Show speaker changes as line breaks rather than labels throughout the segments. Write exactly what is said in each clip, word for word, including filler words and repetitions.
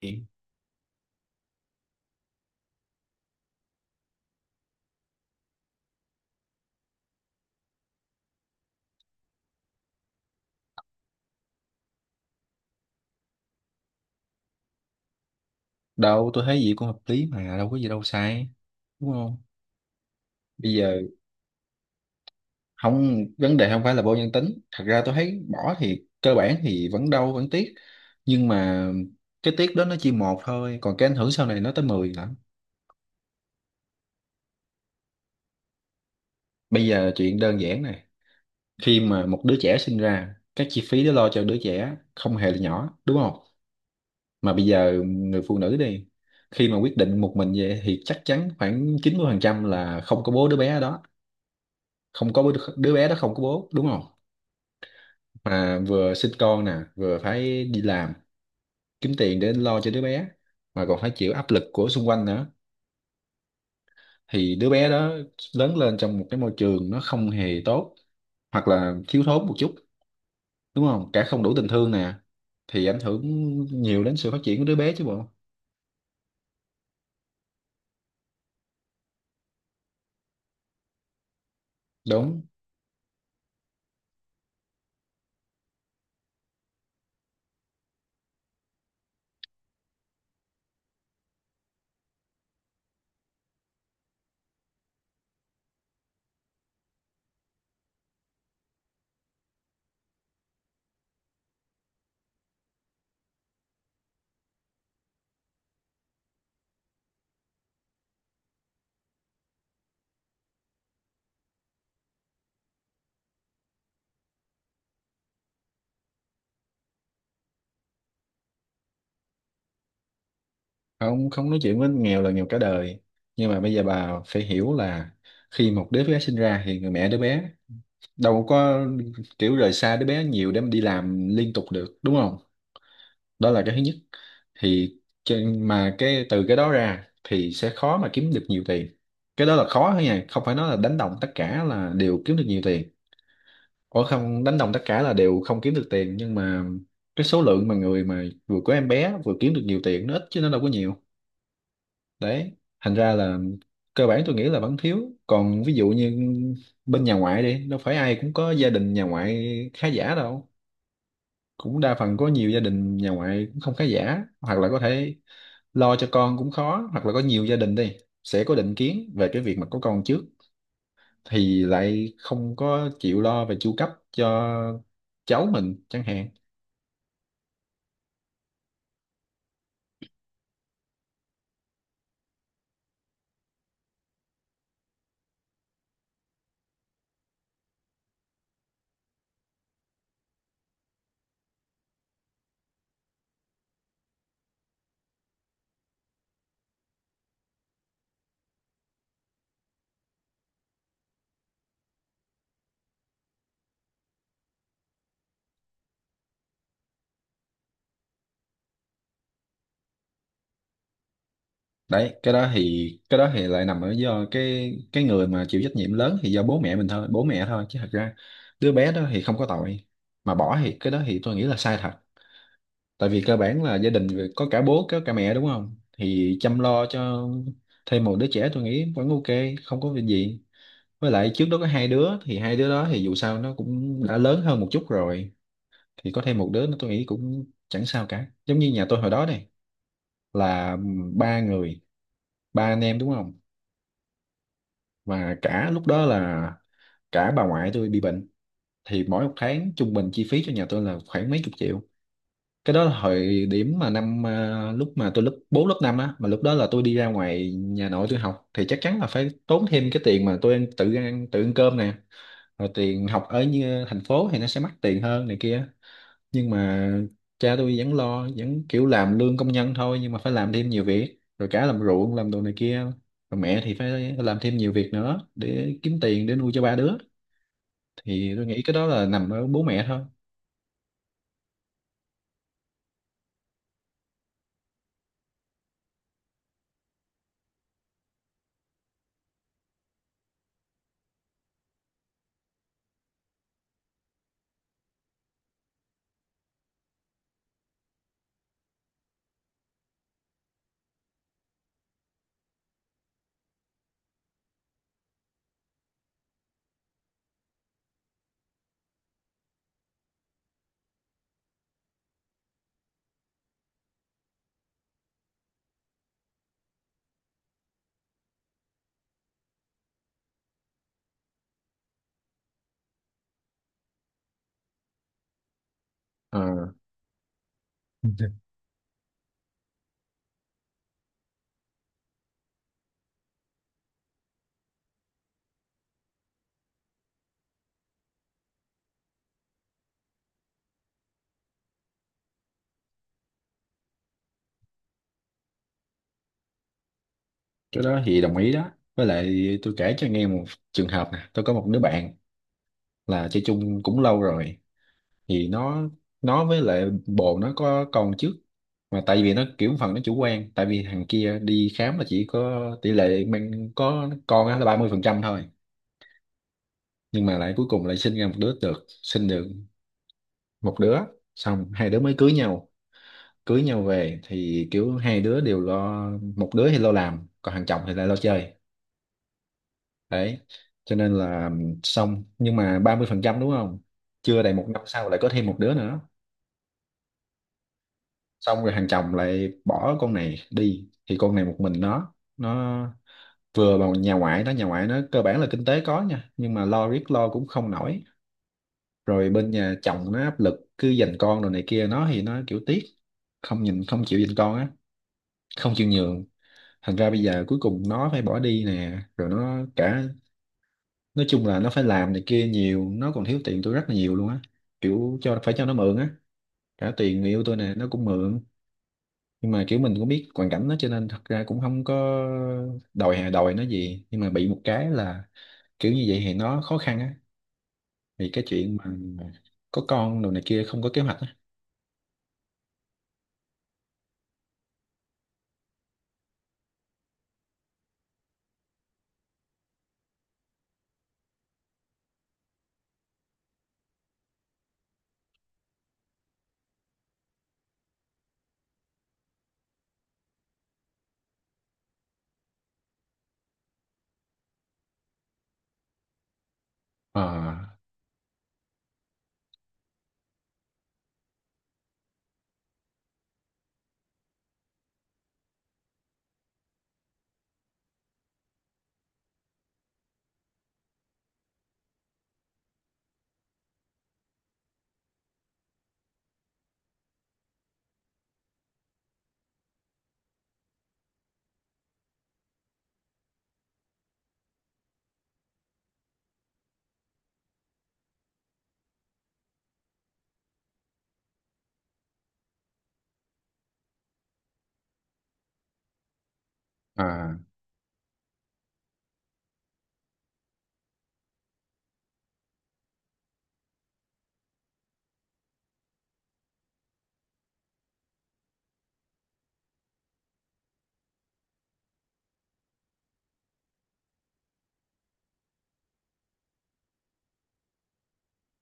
Thì đâu, tôi thấy gì cũng hợp lý mà đâu có gì đâu sai, đúng không? Bây giờ không, vấn đề không phải là vô nhân tính, thật ra tôi thấy bỏ thì cơ bản thì vẫn đau vẫn tiếc, nhưng mà cái tiếc đó nó chỉ một thôi, còn cái ảnh hưởng sau này nó tới mười lắm. Bây giờ chuyện đơn giản này, khi mà một đứa trẻ sinh ra, các chi phí để lo cho đứa trẻ không hề là nhỏ, đúng không? Mà bây giờ người phụ nữ đi, khi mà quyết định một mình vậy thì chắc chắn khoảng chín mươi phần trăm là không có bố đứa bé đó. Không có bố đứa bé đó, không có bố, đúng không? Mà vừa sinh con nè, vừa phải đi làm kiếm tiền để lo cho đứa bé, mà còn phải chịu áp lực của xung quanh nữa. Thì đứa bé đó lớn lên trong một cái môi trường nó không hề tốt, hoặc là thiếu thốn một chút, đúng không, cả không đủ tình thương nè, thì ảnh hưởng nhiều đến sự phát triển của đứa bé chứ bộ. Đúng không, không nói chuyện với nghèo là nghèo cả đời, nhưng mà bây giờ bà phải hiểu là khi một đứa bé sinh ra thì người mẹ đứa bé đâu có kiểu rời xa đứa bé nhiều để mà đi làm liên tục được, đúng không? Đó là cái thứ nhất. Thì trên- mà cái từ cái đó ra thì sẽ khó mà kiếm được nhiều tiền. Cái đó là khó thôi nha, không phải nói là đánh đồng tất cả là đều kiếm được nhiều tiền. Ủa, không đánh đồng tất cả là đều không kiếm được tiền, nhưng mà cái số lượng mà người mà vừa có em bé vừa kiếm được nhiều tiền nó ít chứ nó đâu có nhiều. Đấy, thành ra là cơ bản tôi nghĩ là vẫn thiếu. Còn ví dụ như bên nhà ngoại đi, đâu phải ai cũng có gia đình nhà ngoại khá giả đâu, cũng đa phần có nhiều gia đình nhà ngoại cũng không khá giả, hoặc là có thể lo cho con cũng khó, hoặc là có nhiều gia đình đi sẽ có định kiến về cái việc mà có con trước thì lại không có chịu lo về chu cấp cho cháu mình chẳng hạn. Đấy, cái đó thì cái đó thì lại nằm ở do cái cái người mà chịu trách nhiệm lớn thì do bố mẹ mình thôi, bố mẹ thôi, chứ thật ra đứa bé đó thì không có tội. Mà bỏ thì cái đó thì tôi nghĩ là sai thật, tại vì cơ bản là gia đình vì có cả bố có cả mẹ, đúng không, thì chăm lo cho thêm một đứa trẻ tôi nghĩ vẫn ok, không có việc gì. Với lại trước đó có hai đứa thì hai đứa đó thì dù sao nó cũng đã lớn hơn một chút rồi, thì có thêm một đứa nữa tôi nghĩ cũng chẳng sao cả. Giống như nhà tôi hồi đó này, là ba người, ba anh em, đúng không? Và cả lúc đó là cả bà ngoại tôi bị bệnh, thì mỗi một tháng trung bình chi phí cho nhà tôi là khoảng mấy chục triệu. Cái đó là thời điểm mà năm à, lúc mà tôi lớp bốn lớp năm á, mà lúc đó là tôi đi ra ngoài nhà nội tôi học thì chắc chắn là phải tốn thêm cái tiền mà tôi ăn, tự ăn tự ăn cơm nè, rồi tiền học ở như thành phố thì nó sẽ mắc tiền hơn này kia. Nhưng mà cha tôi vẫn lo, vẫn kiểu làm lương công nhân thôi nhưng mà phải làm thêm nhiều việc, rồi cả làm ruộng làm đồ này kia, rồi mẹ thì phải làm thêm nhiều việc nữa để kiếm tiền để nuôi cho ba đứa. Thì tôi nghĩ cái đó là nằm ở bố mẹ thôi. Ờ, cái đó thì đồng ý đó. Với lại tôi kể cho nghe một trường hợp nè. Tôi có một đứa bạn là chơi chung cũng lâu rồi, thì nó nó với lại bồ nó có con trước, mà tại vì nó kiểu phần nó chủ quan tại vì thằng kia đi khám là chỉ có tỷ lệ mang có con á là ba mươi phần trăm thôi, nhưng mà lại cuối cùng lại sinh ra một đứa, được sinh được một đứa, xong hai đứa mới cưới nhau. Cưới nhau về thì kiểu hai đứa đều lo, một đứa thì lo làm còn thằng chồng thì lại lo chơi. Đấy, cho nên là xong. Nhưng mà ba mươi phần trăm đúng không, chưa đầy một năm sau lại có thêm một đứa nữa. Xong rồi hàng chồng lại bỏ con này đi, thì con này một mình nó nó vừa vào nhà ngoại nó, nhà ngoại nó cơ bản là kinh tế có nha, nhưng mà lo riết lo cũng không nổi. Rồi bên nhà chồng nó áp lực cứ giành con rồi này kia, nó thì nó kiểu tiếc, không nhìn, không chịu giành con á, không chịu nhường. Thành ra bây giờ cuối cùng nó phải bỏ đi nè, rồi nó cả, nói chung là nó phải làm này kia nhiều, nó còn thiếu tiền tôi rất là nhiều luôn á, kiểu cho, phải cho nó mượn á, cả tiền người yêu tôi nè nó cũng mượn. Nhưng mà kiểu mình cũng biết hoàn cảnh nó cho nên thật ra cũng không có đòi hè đòi nó gì, nhưng mà bị một cái là kiểu như vậy thì nó khó khăn á, vì cái chuyện mà có con đồ này kia không có kế hoạch á. à, à,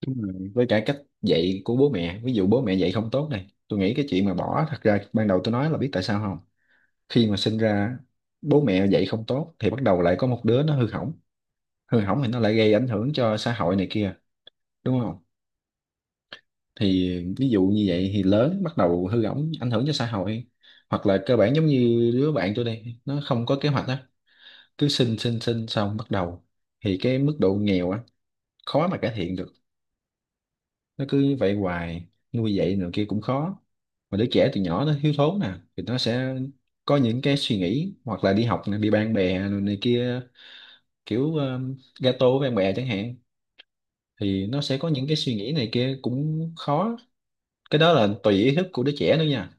Đúng rồi. Với cả cách dạy của bố mẹ, ví dụ bố mẹ dạy không tốt này, tôi nghĩ cái chuyện mà bỏ thật ra ban đầu tôi nói là biết tại sao không. Khi mà sinh ra bố mẹ dạy không tốt thì bắt đầu lại có một đứa nó hư hỏng, hư hỏng thì nó lại gây ảnh hưởng cho xã hội này kia, đúng không? Thì ví dụ như vậy thì lớn bắt đầu hư hỏng ảnh hưởng cho xã hội, hoặc là cơ bản giống như đứa bạn tôi đây, nó không có kế hoạch á, cứ sinh sinh sinh xong bắt đầu thì cái mức độ nghèo á khó mà cải thiện được, nó cứ vậy hoài, nuôi dạy nữa kia cũng khó. Mà đứa trẻ từ nhỏ nó thiếu thốn nè thì nó sẽ có những cái suy nghĩ, hoặc là đi học nè, bị bạn bè này kia, kiểu um, gato với bạn bè chẳng hạn, thì nó sẽ có những cái suy nghĩ này kia cũng khó. Cái đó là tùy ý thức của đứa trẻ nữa nha.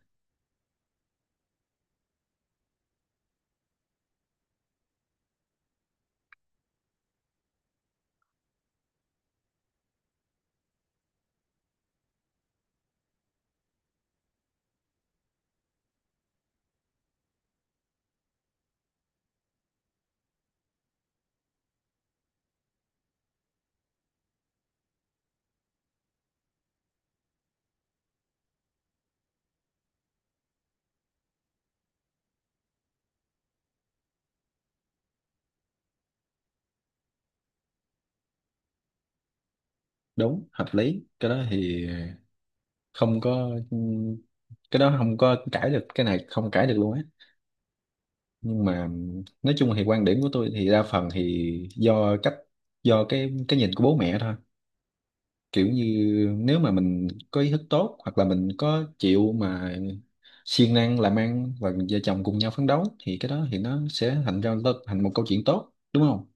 Đúng, hợp lý. Cái đó thì không có, cái đó không có cãi được, cái này không cãi được luôn á. Nhưng mà nói chung thì quan điểm của tôi thì đa phần thì do cách, do cái cái nhìn của bố mẹ thôi. Kiểu như nếu mà mình có ý thức tốt, hoặc là mình có chịu mà siêng năng làm ăn và vợ chồng cùng nhau phấn đấu, thì cái đó thì nó sẽ thành ra thành một câu chuyện tốt, đúng không?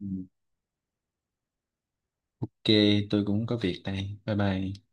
Ừ. Ok, tôi cũng có việc đây. Bye bye.